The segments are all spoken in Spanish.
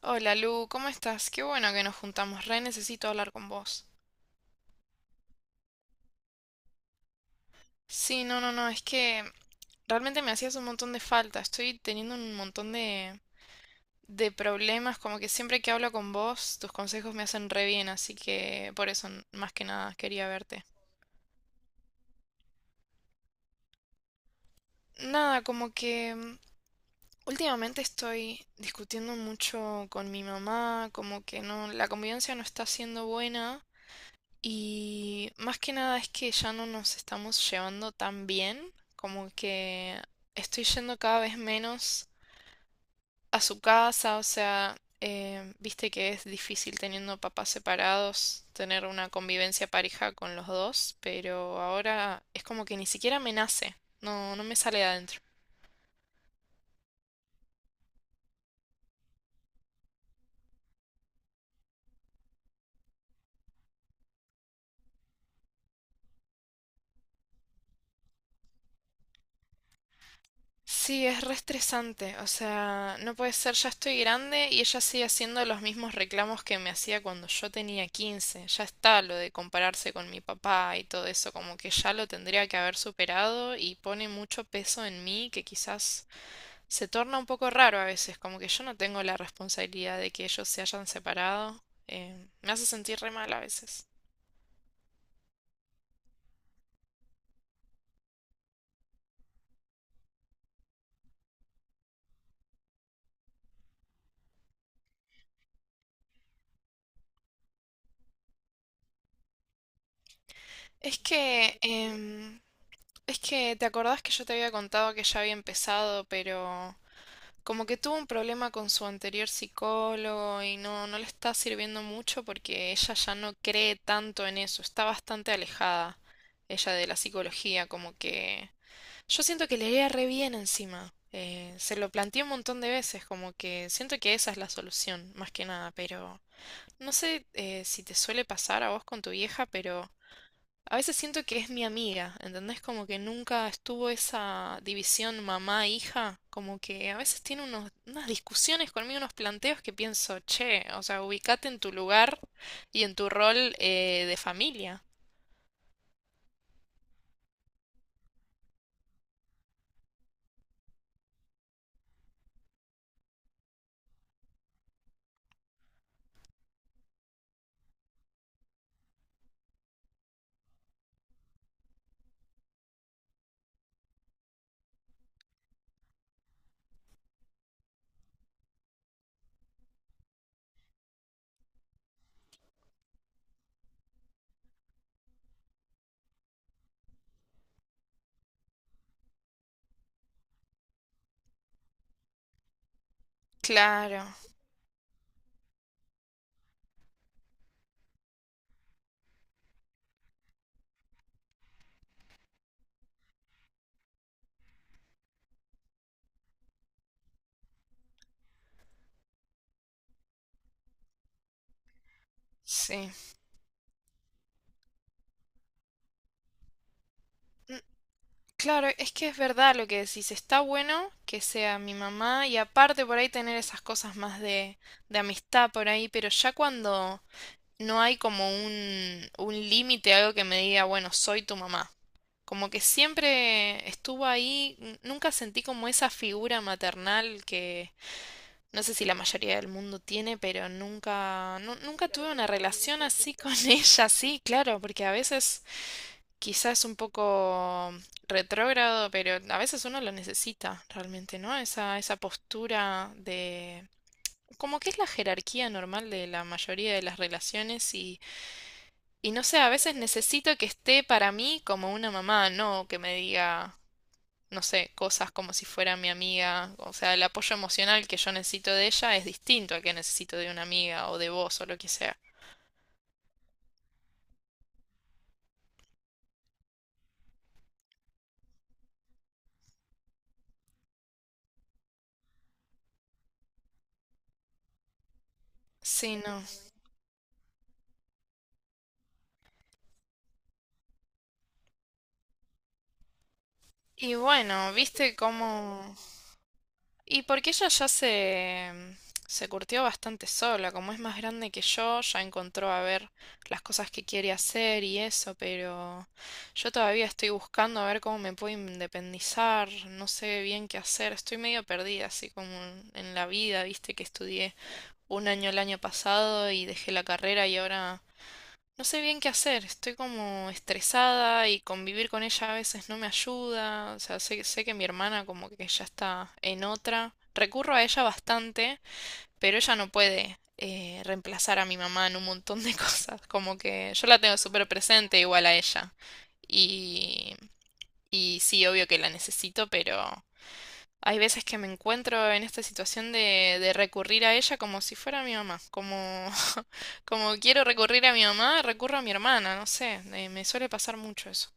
Hola Lu, ¿cómo estás? Qué bueno que nos juntamos, re necesito hablar con vos. Sí, no, no, no, es que realmente me hacías un montón de falta, estoy teniendo un montón de problemas, como que siempre que hablo con vos, tus consejos me hacen re bien, así que por eso más que nada quería verte. Nada, como que últimamente estoy discutiendo mucho con mi mamá, como que no, la convivencia no está siendo buena. Y más que nada es que ya no nos estamos llevando tan bien, como que estoy yendo cada vez menos a su casa, o sea, viste que es difícil teniendo papás separados tener una convivencia pareja con los dos, pero ahora es como que ni siquiera me nace, no, no me sale de adentro. Sí, es re estresante, o sea, no puede ser, ya estoy grande y ella sigue haciendo los mismos reclamos que me hacía cuando yo tenía 15. Ya está lo de compararse con mi papá y todo eso, como que ya lo tendría que haber superado y pone mucho peso en mí que quizás se torna un poco raro a veces, como que yo no tengo la responsabilidad de que ellos se hayan separado. Me hace sentir re mal a veces. Es que, es que, ¿te acordás que yo te había contado que ya había empezado, pero... Como que tuvo un problema con su anterior psicólogo y no le está sirviendo mucho porque ella ya no cree tanto en eso, está bastante alejada ella de la psicología, como que yo siento que le iría re bien encima. Se lo planteé un montón de veces, como que siento que esa es la solución, más que nada, pero no sé, si te suele pasar a vos con tu vieja, pero a veces siento que es mi amiga, ¿entendés? Como que nunca estuvo esa división mamá-hija, como que a veces tiene unas discusiones conmigo, unos planteos que pienso, che, o sea, ubicate en tu lugar y en tu rol, de familia. Claro, sí. Claro, es que es verdad lo que decís, está bueno que sea mi mamá y aparte por ahí tener esas cosas más de amistad por ahí, pero ya cuando no hay como un límite, algo que me diga, bueno, soy tu mamá. Como que siempre estuvo ahí, nunca sentí como esa figura maternal que no sé si la mayoría del mundo tiene, pero nunca tuve una relación así con ella, sí, claro, porque a veces quizás es un poco retrógrado, pero a veces uno lo necesita realmente, ¿no? Esa postura de... como que es la jerarquía normal de la mayoría de las relaciones y... Y no sé, a veces necesito que esté para mí como una mamá, no que me diga, no sé, cosas como si fuera mi amiga. O sea, el apoyo emocional que yo necesito de ella es distinto al que necesito de una amiga o de vos o lo que sea. Sí, no. Y bueno, viste cómo... Y porque ella ya se... se curtió bastante sola, como es más grande que yo, ya encontró a ver las cosas que quiere hacer y eso, pero yo todavía estoy buscando a ver cómo me puedo independizar, no sé bien qué hacer, estoy medio perdida así como en la vida, viste, que estudié un año el año pasado y dejé la carrera y ahora no sé bien qué hacer. Estoy como estresada y convivir con ella a veces no me ayuda. O sea, sé que mi hermana como que ya está en otra. Recurro a ella bastante, pero ella no puede, reemplazar a mi mamá en un montón de cosas. Como que yo la tengo súper presente igual a ella. Y, y sí, obvio que la necesito, pero hay veces que me encuentro en esta situación de recurrir a ella como si fuera mi mamá, como, como quiero recurrir a mi mamá, recurro a mi hermana, no sé, me suele pasar mucho eso.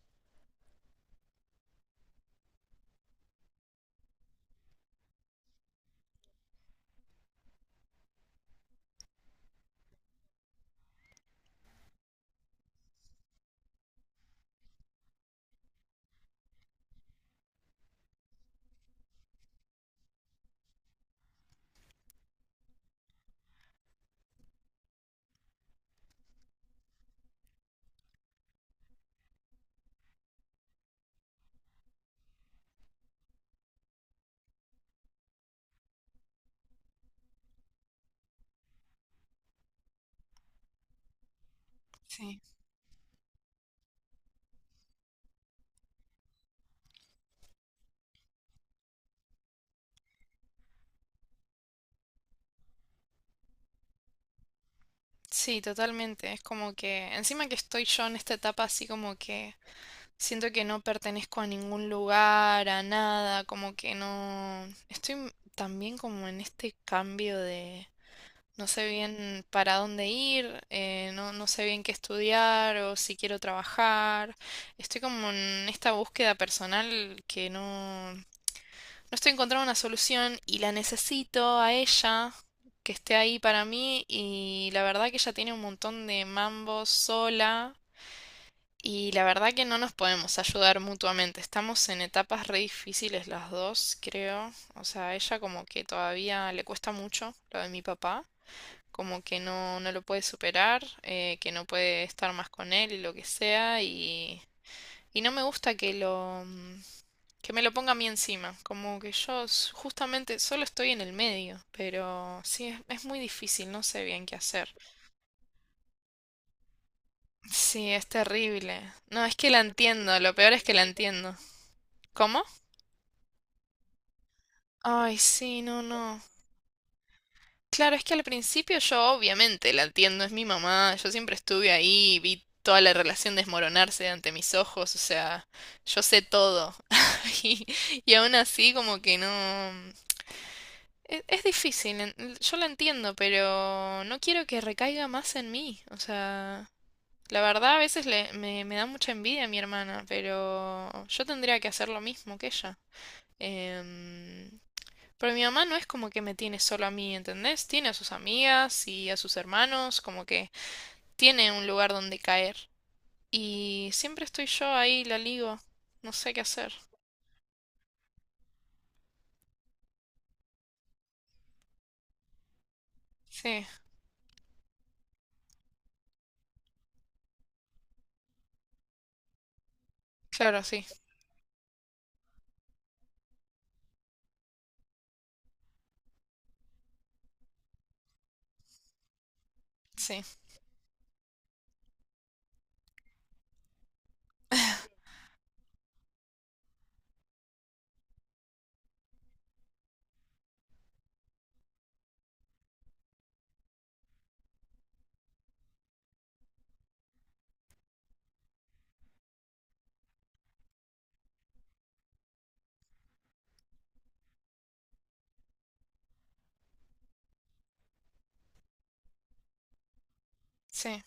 Sí. Sí, totalmente, es como que encima que estoy yo en esta etapa así como que siento que no pertenezco a ningún lugar, a nada, como que no, estoy también como en este cambio de... No sé bien para dónde ir, no, no sé bien qué estudiar o si quiero trabajar. Estoy como en esta búsqueda personal que no estoy encontrando una solución y la necesito a ella, que esté ahí para mí y la verdad que ella tiene un montón de mambos sola y la verdad que no nos podemos ayudar mutuamente. Estamos en etapas re difíciles las dos, creo. O sea, a ella como que todavía le cuesta mucho lo de mi papá, como que no, no lo puede superar, que no puede estar más con él y lo que sea, y no me gusta que que me lo ponga a mí encima, como que yo justamente solo estoy en el medio, pero sí, es muy difícil, no sé bien qué hacer. Sí, es terrible. No, es que la entiendo, lo peor es que la entiendo. ¿Cómo? Ay, sí, no, no. Claro, es que al principio yo obviamente la entiendo, es mi mamá, yo siempre estuve ahí, vi toda la relación desmoronarse ante mis ojos, o sea, yo sé todo. Y, y aún así como que no... es difícil, yo la entiendo, pero no quiero que recaiga más en mí, o sea, la verdad a veces me da mucha envidia a mi hermana, pero yo tendría que hacer lo mismo que ella. Em, pero mi mamá no es como que me tiene solo a mí, ¿entendés? Tiene a sus amigas y a sus hermanos, como que tiene un lugar donde caer. Y siempre estoy yo ahí, la ligo. No sé qué hacer. Sí, claro, sí, sí, sí,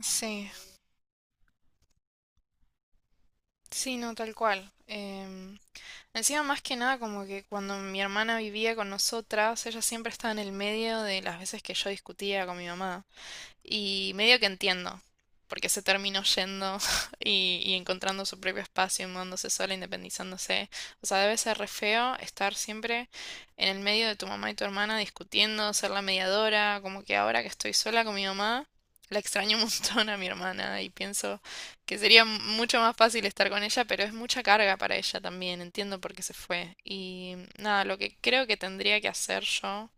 sí, sí, no, tal cual. Encima, más que nada, como que cuando mi hermana vivía con nosotras, ella siempre estaba en el medio de las veces que yo discutía con mi mamá. Y medio que entiendo, porque se terminó yendo y encontrando su propio espacio, mudándose sola, independizándose. O sea, debe ser re feo estar siempre en el medio de tu mamá y tu hermana discutiendo, ser la mediadora, como que ahora que estoy sola con mi mamá, la extraño un montón a mi hermana y pienso que sería mucho más fácil estar con ella, pero es mucha carga para ella también, entiendo por qué se fue. Y nada, lo que creo que tendría que hacer yo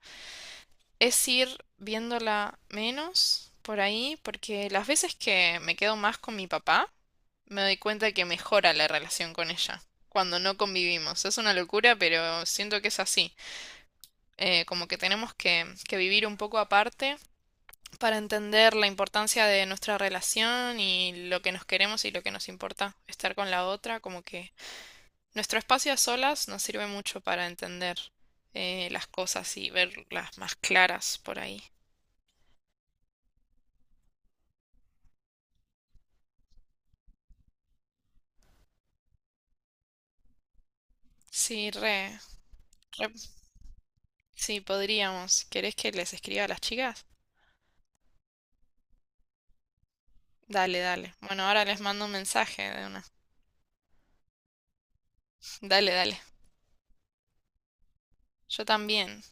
es ir viéndola menos por ahí, porque las veces que me quedo más con mi papá, me doy cuenta que mejora la relación con ella cuando no convivimos. Es una locura, pero siento que es así. Como que tenemos que vivir un poco aparte para entender la importancia de nuestra relación y lo que nos queremos y lo que nos importa estar con la otra. Como que nuestro espacio a solas nos sirve mucho para entender, las cosas y verlas más claras por ahí. Sí, re. Ep, sí, podríamos. ¿Querés que les escriba a las chicas? Dale, dale. Bueno, ahora les mando un mensaje de una. Dale, dale. Yo también.